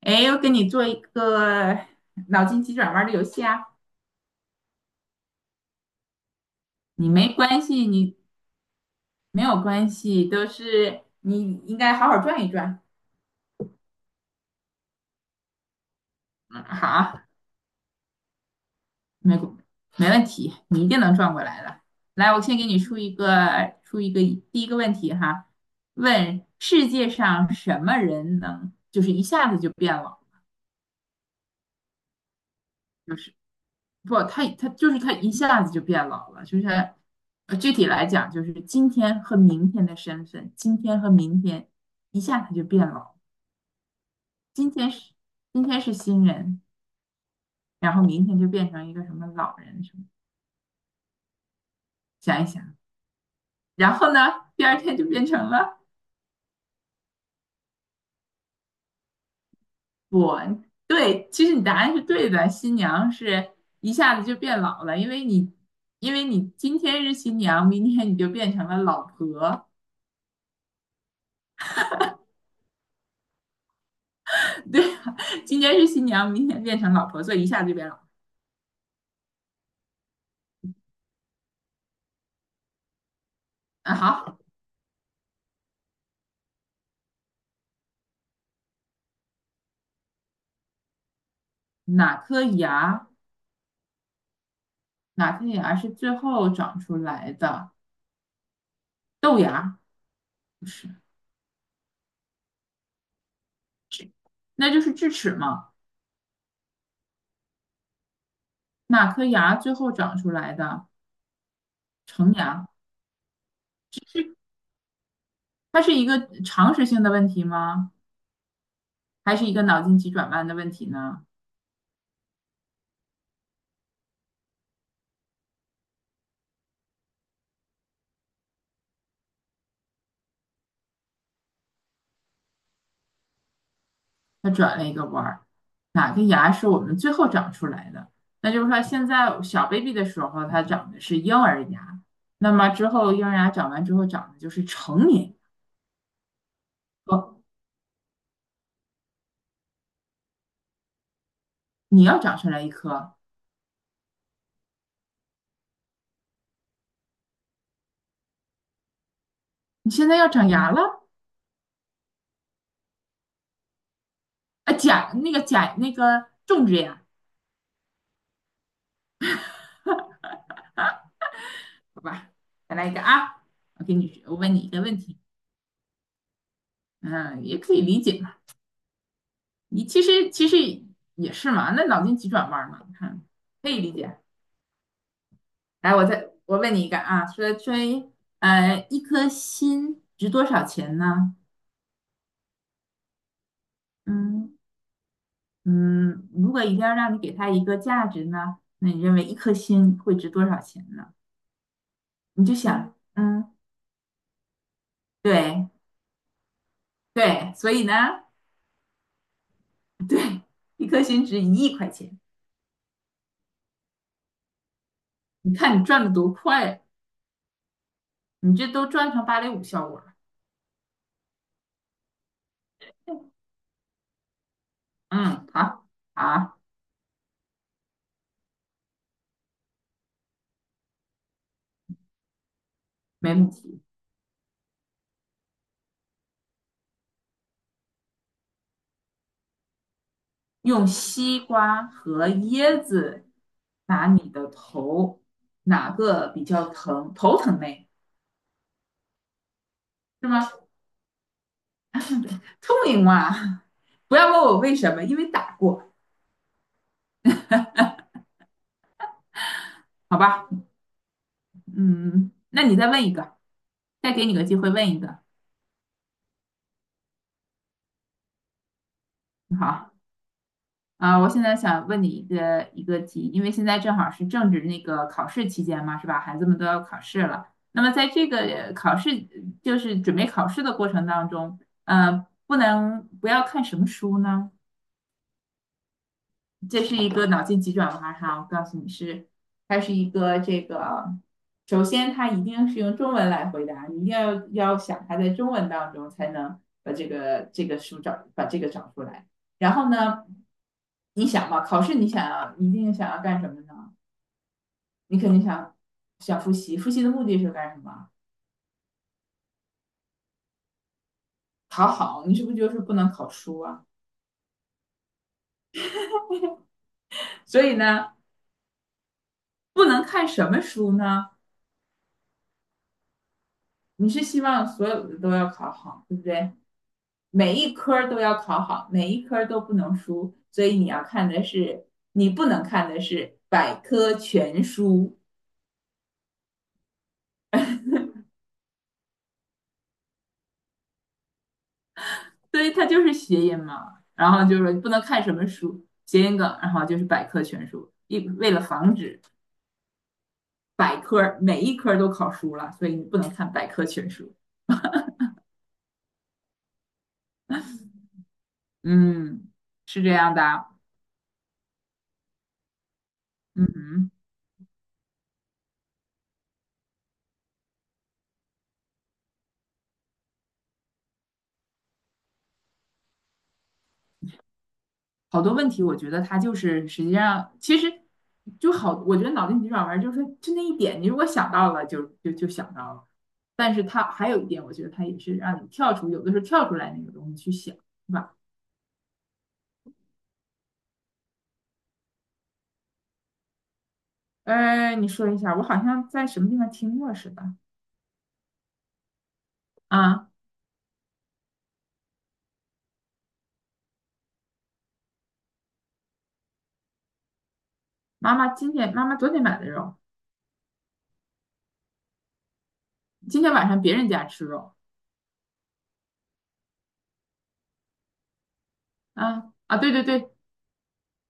哎，我给你做一个脑筋急转弯的游戏啊！你没关系，你没有关系，都是你应该好好转一转。嗯，好啊，没没问题，你一定能转过来的。来，我先给你出一个第一个问题哈，问世界上什么人能就是一下子就变了，就是不，他就是他一下子就变老了，就是他具体来讲，就是今天和明天的身份，今天和明天一下他就变老，今天是今天是新人，然后明天就变成一个什么老人什么，想一想，然后呢，第二天就变成了我，对，其实你答案是对的，新娘是一下子就变老了，因为你今天是新娘，明天你就变成了老婆，对啊，今天是新娘，明天变成老婆，所以一下就变老。啊，好，哪颗牙？哪颗牙是最后长出来的？豆芽不是，那就是智齿嘛。哪颗牙最后长出来的？成牙。它是一个常识性的问题吗？还是一个脑筋急转弯的问题呢？它转了一个弯儿。哪个牙是我们最后长出来的？那就是说，现在小 baby 的时候，它长的是婴儿牙，那么之后婴儿牙长完之后长的就是成年。说你要长出来一颗，你现在要长牙了啊，假那个种植牙，好吧，再来一个啊，我问你一个问题，嗯，也可以理解嘛，你其实也是嘛，那脑筋急转弯嘛，你看可以理解。来，我问你一个啊，说一颗心值多少钱呢？嗯嗯，如果一定要让你给他一个价值呢，那你认为一颗心会值多少钱呢？你就想，嗯，对。对，所以呢，对，一颗星值一亿块钱，你看你赚的多快，你这都赚成芭蕾舞效果了。嗯，好，好，没问题。用西瓜和椰子打你的头，哪个比较疼？头疼嘞，是吗？聪明嘛，不要问我为什么，因为打过，好吧？嗯，那你再问一个，再给你个机会问一个，好。啊，我现在想问你一个题，因为现在正好是政治那个考试期间嘛，是吧？孩子们都要考试了。那么在这个考试，就是准备考试的过程当中，不要看什么书呢？这是一个脑筋急转弯哈，我告诉你是，它是一个这个，首先它一定是用中文来回答，你一定要想它在中文当中才能把这个书把这个找出来。然后呢，你想嘛，考试你一定想要干什么呢？你肯定想复习，复习的目的是干什么？考好，你是不是就是不能考书啊？所以呢，不能看什么书呢？你是希望所有的都要考好，对不对？每一科都要考好，每一科都不能输，所以你要看的是，你不能看的是百科全书，所以它就是谐音嘛。然后就是不能看什么书，谐音梗，然后就是百科全书，一为了防止百科每一科都考输了，所以你不能看百科全书。嗯，是这样的啊。嗯哼。好多问题，我觉得他就是实际上其实就好，我觉得脑筋急转弯就是就那一点，你如果想到了就想到了。但是它还有一点，我觉得它也是让你跳出，有的时候跳出来那个东西去想，是吧？你说一下，我好像在什么地方听过似的啊。妈妈今天，妈妈昨天买的肉，今天晚上别人家吃肉。啊，对，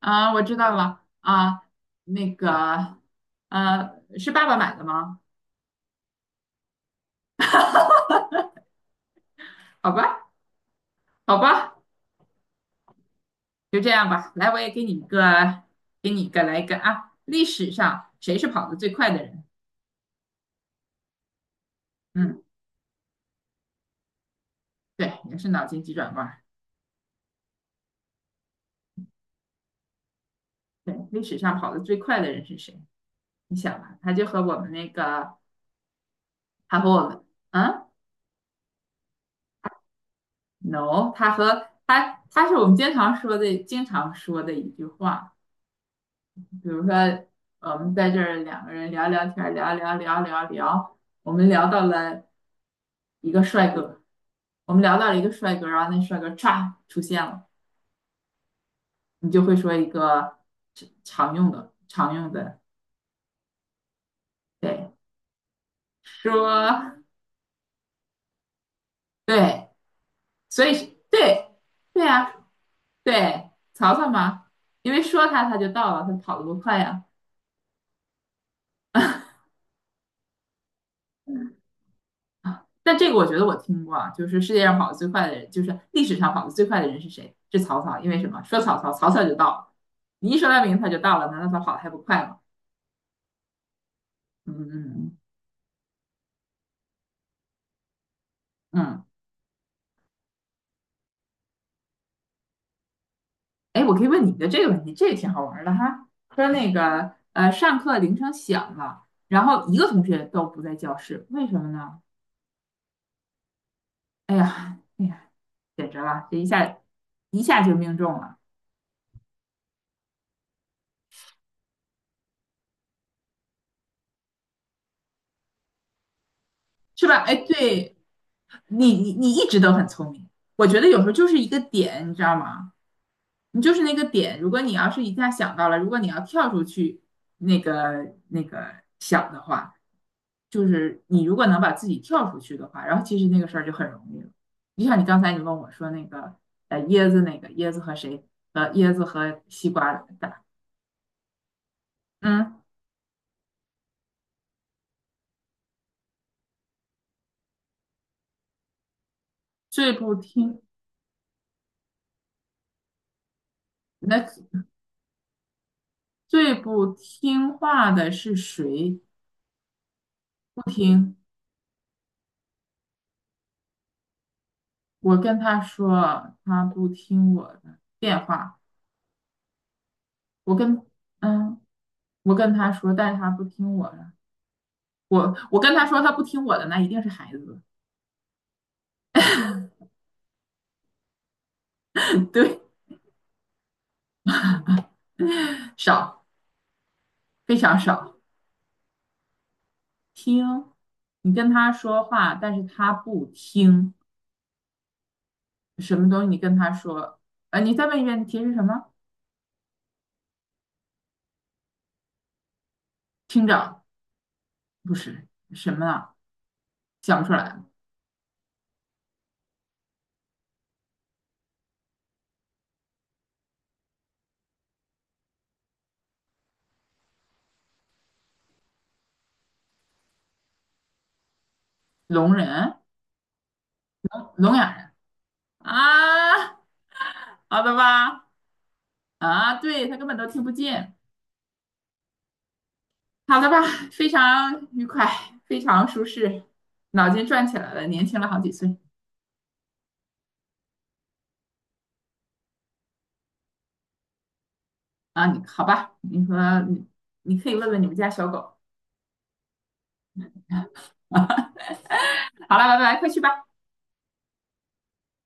啊，我知道了啊，那个，呃，是爸爸买的吗？好吧，好吧。就这样吧，来，我也给你一个，给你一个，来一个啊！历史上谁是跑得最快的人？嗯，对，也是脑筋急转弯儿。对，历史上跑得最快的人是谁？你想吧，他就和我们那个，他和我们，嗯，no，他和他，他是我们经常说的，经常说的一句话。比如说，我们在这儿两个人聊聊天儿聊聊聊聊聊，我们聊到了一个帅哥，我们聊到了一个帅哥，然后那帅哥歘出现了。你就会说一个常用的，对，说对，所以是对对啊，对，曹操嘛，因为说他他就到了，他跑得多快呀啊！但这个我觉得我听过啊，就是世界上跑得最快的人，就是历史上跑得最快的人是谁？是曹操，因为什么？说曹操，曹操就到了，你一说他名字他就到了，难道他跑得还不快吗？嗯嗯嗯。哎，我可以问你一个这个问题，这个挺好玩儿的哈。说那个上课铃声响了，然后一个同学都不在教室，为什么呢？哎呀，哎呀，简直了，这一下就命中了。是吧？哎，对，你一直都很聪明，我觉得有时候就是一个点，你知道吗？你就是那个点，如果你要是一下想到了，如果你要跳出去那个想的话，就是你如果能把自己跳出去的话，然后其实那个事儿就很容易了。就像你刚才你问我说那个椰子那个椰子和谁椰子和西瓜打，嗯，最不听那最不听话的是谁？不听。我跟他说，他不听我的电话。我跟嗯，我跟他说，但是他不听我的。我跟他说，他不听我的，那一定是孩子，对，少，非常少。听，你跟他说话，但是他不听，什么东西？你跟他说，呃，你再问一遍，你提什么？听着，不是什么啊？想不出来。聋人，聋哑人啊，好的吧？啊，对，他根本都听不见。好的吧，非常愉快，非常舒适，脑筋转起来了，年轻了好几岁啊！你好吧，你说你，你可以问问你们家小狗啊。好了，拜拜，快去吧。